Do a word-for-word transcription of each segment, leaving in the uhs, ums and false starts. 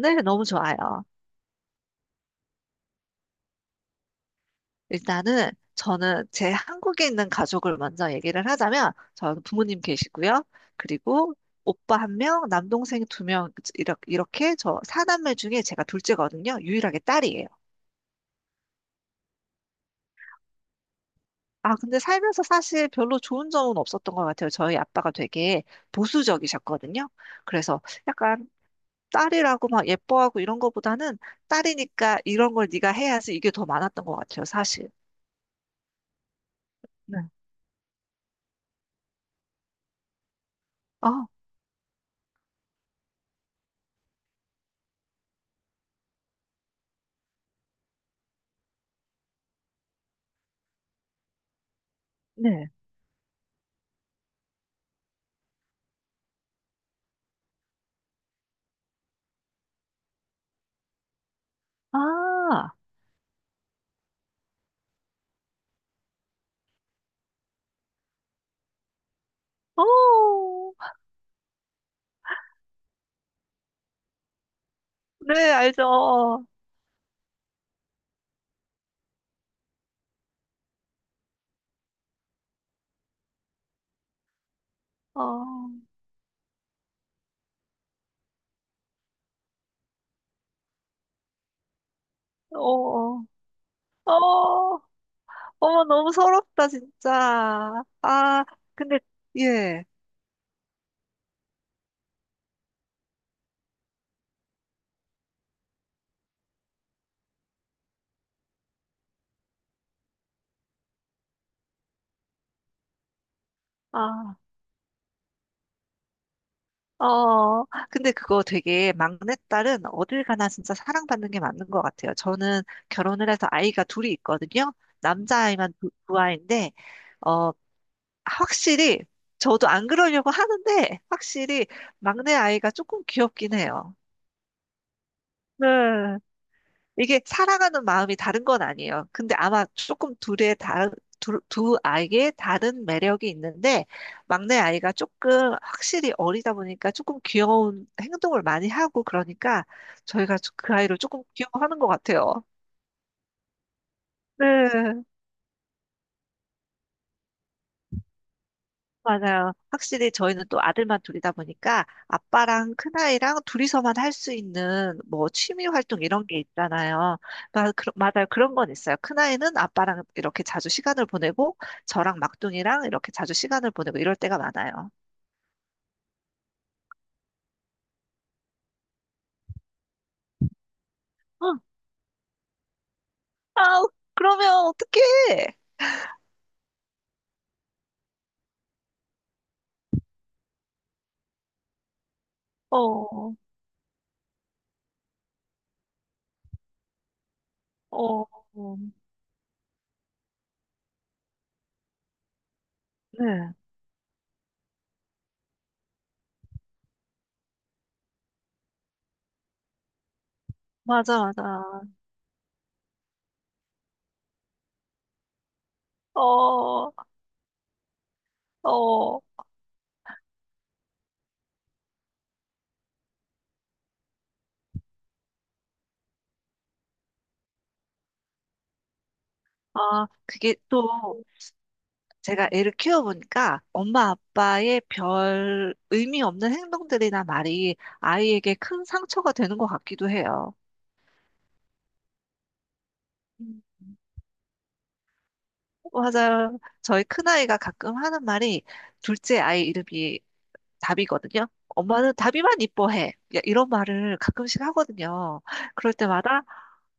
네, 너무 좋아요. 일단은 저는 제 한국에 있는 가족을 먼저 얘기를 하자면, 저는 부모님 계시고요. 그리고 오빠 한 명, 남동생 두 명, 이렇게, 이렇게 저 사남매 중에 제가 둘째거든요. 유일하게 딸이에요. 아, 근데 살면서 사실 별로 좋은 점은 없었던 것 같아요. 저희 아빠가 되게 보수적이셨거든요. 그래서 약간 딸이라고 막 예뻐하고 이런 거보다는 딸이니까 이런 걸 네가 해야지 이게 더 많았던 것 같아요, 사실. 네. 아, 네. 아, 어, 네, 알죠. 어, 어, 어, 어, 어머, 너무 서럽다, 진짜. 아, 근데, 예. 아, 어, 근데 그거 되게 막내딸은 어딜 가나 진짜 사랑받는 게 맞는 것 같아요. 저는 결혼을 해서 아이가 둘이 있거든요. 남자아이만 두, 두 아이인데, 어, 확실히, 저도 안 그러려고 하는데, 확실히 막내 아이가 조금 귀엽긴 해요. 네. 이게 사랑하는 마음이 다른 건 아니에요. 근데 아마 조금 둘의 다른 두, 두 아이의 다른 매력이 있는데 막내 아이가 조금 확실히 어리다 보니까 조금 귀여운 행동을 많이 하고 그러니까 저희가 그 아이를 조금 귀여워하는 것 같아요. 네. 맞아요. 확실히 저희는 또 아들만 둘이다 보니까 아빠랑 큰아이랑 둘이서만 할 수 있는 뭐 취미 활동 이런 게 있잖아요. 나 그, 맞아요. 그런 건 있어요. 큰아이는 아빠랑 이렇게 자주 시간을 보내고 저랑 막둥이랑 이렇게 자주 시간을 보내고 이럴 때가 많아요. 어, 아우, 그러면 어떡해? 어, 어, 어. 네. 맞아, 맞아. 어, 어. 아, 그게 또 제가 애를 키워보니까 엄마 아빠의 별 의미 없는 행동들이나 말이 아이에게 큰 상처가 되는 것 같기도 해요. 음. 맞아요. 저희 큰아이가 가끔 하는 말이 둘째 아이 이름이 답이거든요. 엄마는 답이만 이뻐해. 야, 이런 말을 가끔씩 하거든요. 그럴 때마다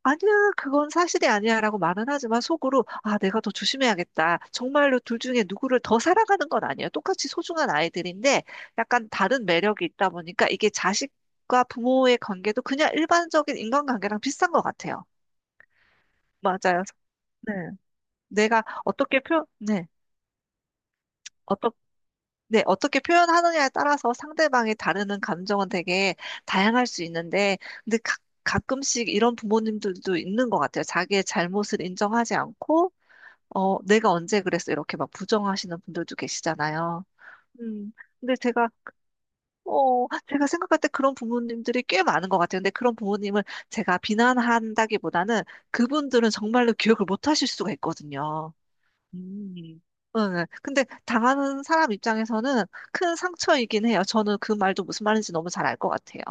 아니야, 그건 사실이 아니야라고 말은 하지만 속으로 아, 내가 더 조심해야겠다. 정말로 둘 중에 누구를 더 사랑하는 건 아니에요. 똑같이 소중한 아이들인데 약간 다른 매력이 있다 보니까 이게 자식과 부모의 관계도 그냥 일반적인 인간관계랑 비슷한 것 같아요. 맞아요. 네. 내가 어떻게 표, 네. 네, 어떻게 표현하느냐에 따라서 상대방이 다루는 감정은 되게 다양할 수 있는데, 근데 가, 가끔씩 이런 부모님들도 있는 것 같아요. 자기의 잘못을 인정하지 않고, 어, 내가 언제 그랬어? 이렇게 막 부정하시는 분들도 계시잖아요. 음, 근데 제가, 어, 제가 생각할 때 그런 부모님들이 꽤 많은 것 같아요. 근데 그런 부모님을 제가 비난한다기보다는 그분들은 정말로 기억을 못 하실 수가 있거든요. 음. 응, 근데 당하는 사람 입장에서는 큰 상처이긴 해요. 저는 그 말도 무슨 말인지 너무 잘 알 것 같아요.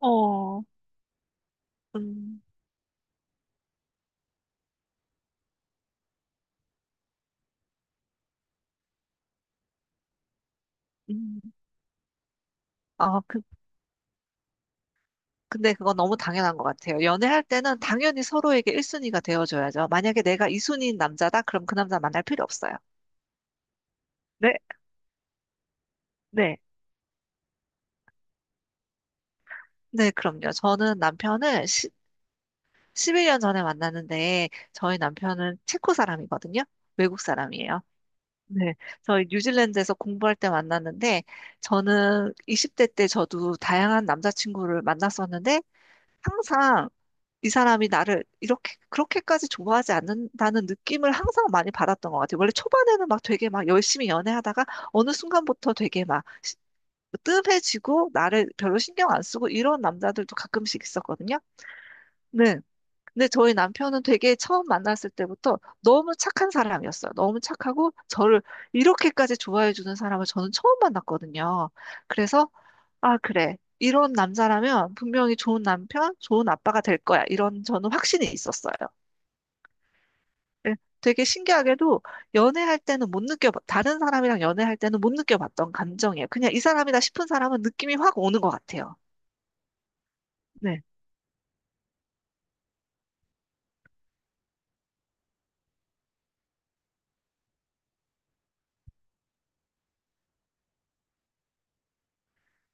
어, 음, 음. 아, 그, 근데 그건 너무 당연한 것 같아요. 연애할 때는 당연히 서로에게 일 순위가 되어줘야죠. 만약에 내가 이 순위인 남자다? 그럼 그 남자 만날 필요 없어요. 네, 네. 네, 그럼요. 저는 남편을 십, 십일 년 전에 만났는데, 저희 남편은 체코 사람이거든요. 외국 사람이에요. 네, 저희 뉴질랜드에서 공부할 때 만났는데, 저는 이십 대 때 저도 다양한 남자친구를 만났었는데, 항상 이 사람이 나를 이렇게, 그렇게까지 좋아하지 않는다는 느낌을 항상 많이 받았던 것 같아요. 원래 초반에는 막 되게 막 열심히 연애하다가, 어느 순간부터 되게 막 시- 뭐 뜸해지고, 나를 별로 신경 안 쓰고, 이런 남자들도 가끔씩 있었거든요. 네. 근데 저희 남편은 되게 처음 만났을 때부터 너무 착한 사람이었어요. 너무 착하고 저를 이렇게까지 좋아해 주는 사람을 저는 처음 만났거든요. 그래서 아, 그래. 이런 남자라면 분명히 좋은 남편, 좋은 아빠가 될 거야. 이런 저는 확신이 있었어요. 예, 되게 신기하게도 연애할 때는 못 느껴, 다른 사람이랑 연애할 때는 못 느껴봤던 감정이에요. 그냥 이 사람이다 싶은 사람은 느낌이 확 오는 것 같아요. 네.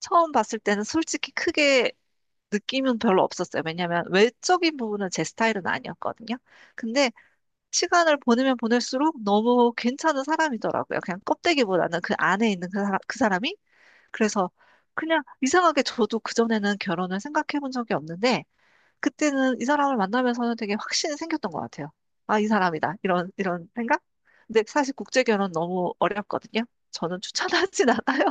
처음 봤을 때는 솔직히 크게 느낌은 별로 없었어요. 왜냐면 외적인 부분은 제 스타일은 아니었거든요. 근데 시간을 보내면 보낼수록 너무 괜찮은 사람이더라고요. 그냥 껍데기보다는 그 안에 있는 그 사람, 그 사람이. 그래서 그냥 이상하게 저도 그전에는 결혼을 생각해 본 적이 없는데 그때는 이 사람을 만나면서는 되게 확신이 생겼던 것 같아요. 아, 이 사람이다. 이런, 이런 생각? 근데 사실 국제결혼 너무 어렵거든요. 저는 추천하진 않아요.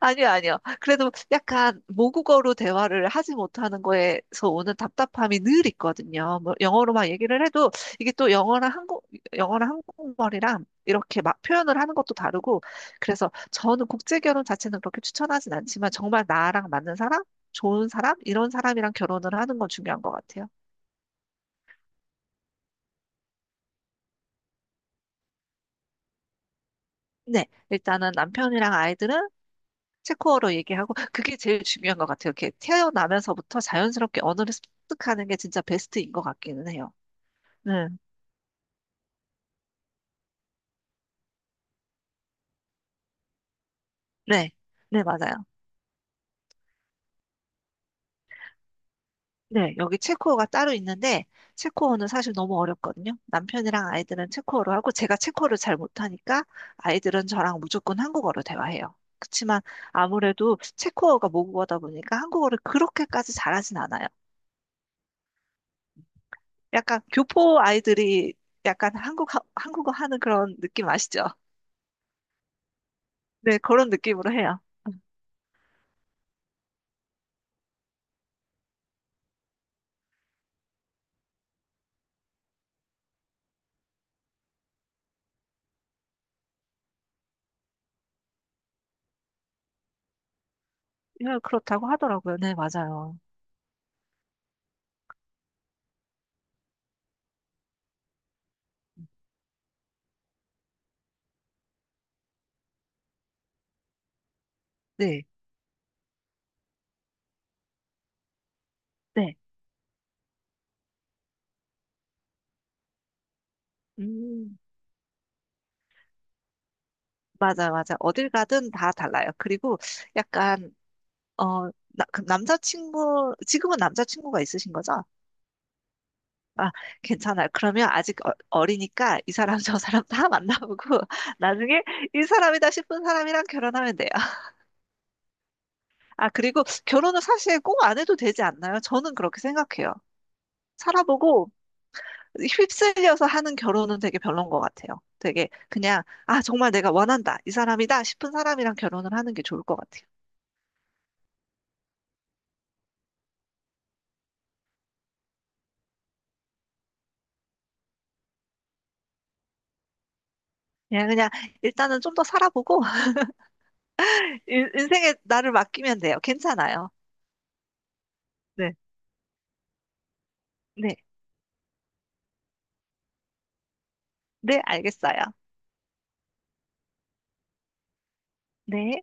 아니요, 아니요. 그래도 약간 모국어로 대화를 하지 못하는 거에서 오는 답답함이 늘 있거든요. 뭐 영어로 막 얘기를 해도 이게 또 영어랑 한국, 영어랑 한국말이랑 이렇게 막 표현을 하는 것도 다르고 그래서 저는 국제 결혼 자체는 그렇게 추천하진 않지만 정말 나랑 맞는 사람, 좋은 사람, 이런 사람이랑 결혼을 하는 건 중요한 것 같아요. 네, 일단은 남편이랑 아이들은 체코어로 얘기하고 그게 제일 중요한 것 같아요. 이렇게 태어나면서부터 자연스럽게 언어를 습득하는 게 진짜 베스트인 것 같기는 해요. 네, 네, 네, 맞아요. 네, 여기 체코어가 따로 있는데, 체코어는 사실 너무 어렵거든요. 남편이랑 아이들은 체코어로 하고, 제가 체코어를 잘 못하니까, 아이들은 저랑 무조건 한국어로 대화해요. 그치만, 아무래도 체코어가 모국어다 보니까 한국어를 그렇게까지 잘하진 않아요. 약간 교포 아이들이 약간 한국, 한국어 하는 그런 느낌 아시죠? 네, 그런 느낌으로 해요. 예, 그렇다고 하더라고요. 네, 맞아요. 네, 네. 음. 맞아, 맞아. 어딜 가든 다 달라요. 그리고 약간, 어, 나, 그 남자친구, 지금은 남자친구가 있으신 거죠? 아, 괜찮아요. 그러면 아직 어, 어리니까 이 사람, 저 사람 다 만나보고 나중에 이 사람이다 싶은 사람이랑 결혼하면 돼요. 아, 그리고 결혼은 사실 꼭 안 해도 되지 않나요? 저는 그렇게 생각해요. 살아보고 휩쓸려서 하는 결혼은 되게 별론 것 같아요. 되게 그냥, 아, 정말 내가 원한다. 이 사람이다 싶은 사람이랑 결혼을 하는 게 좋을 것 같아요. 그냥, 그냥 일단은 좀 더 살아보고 인- 인생에 나를 맡기면 돼요. 괜찮아요. 네, 네, 네, 알겠어요. 네.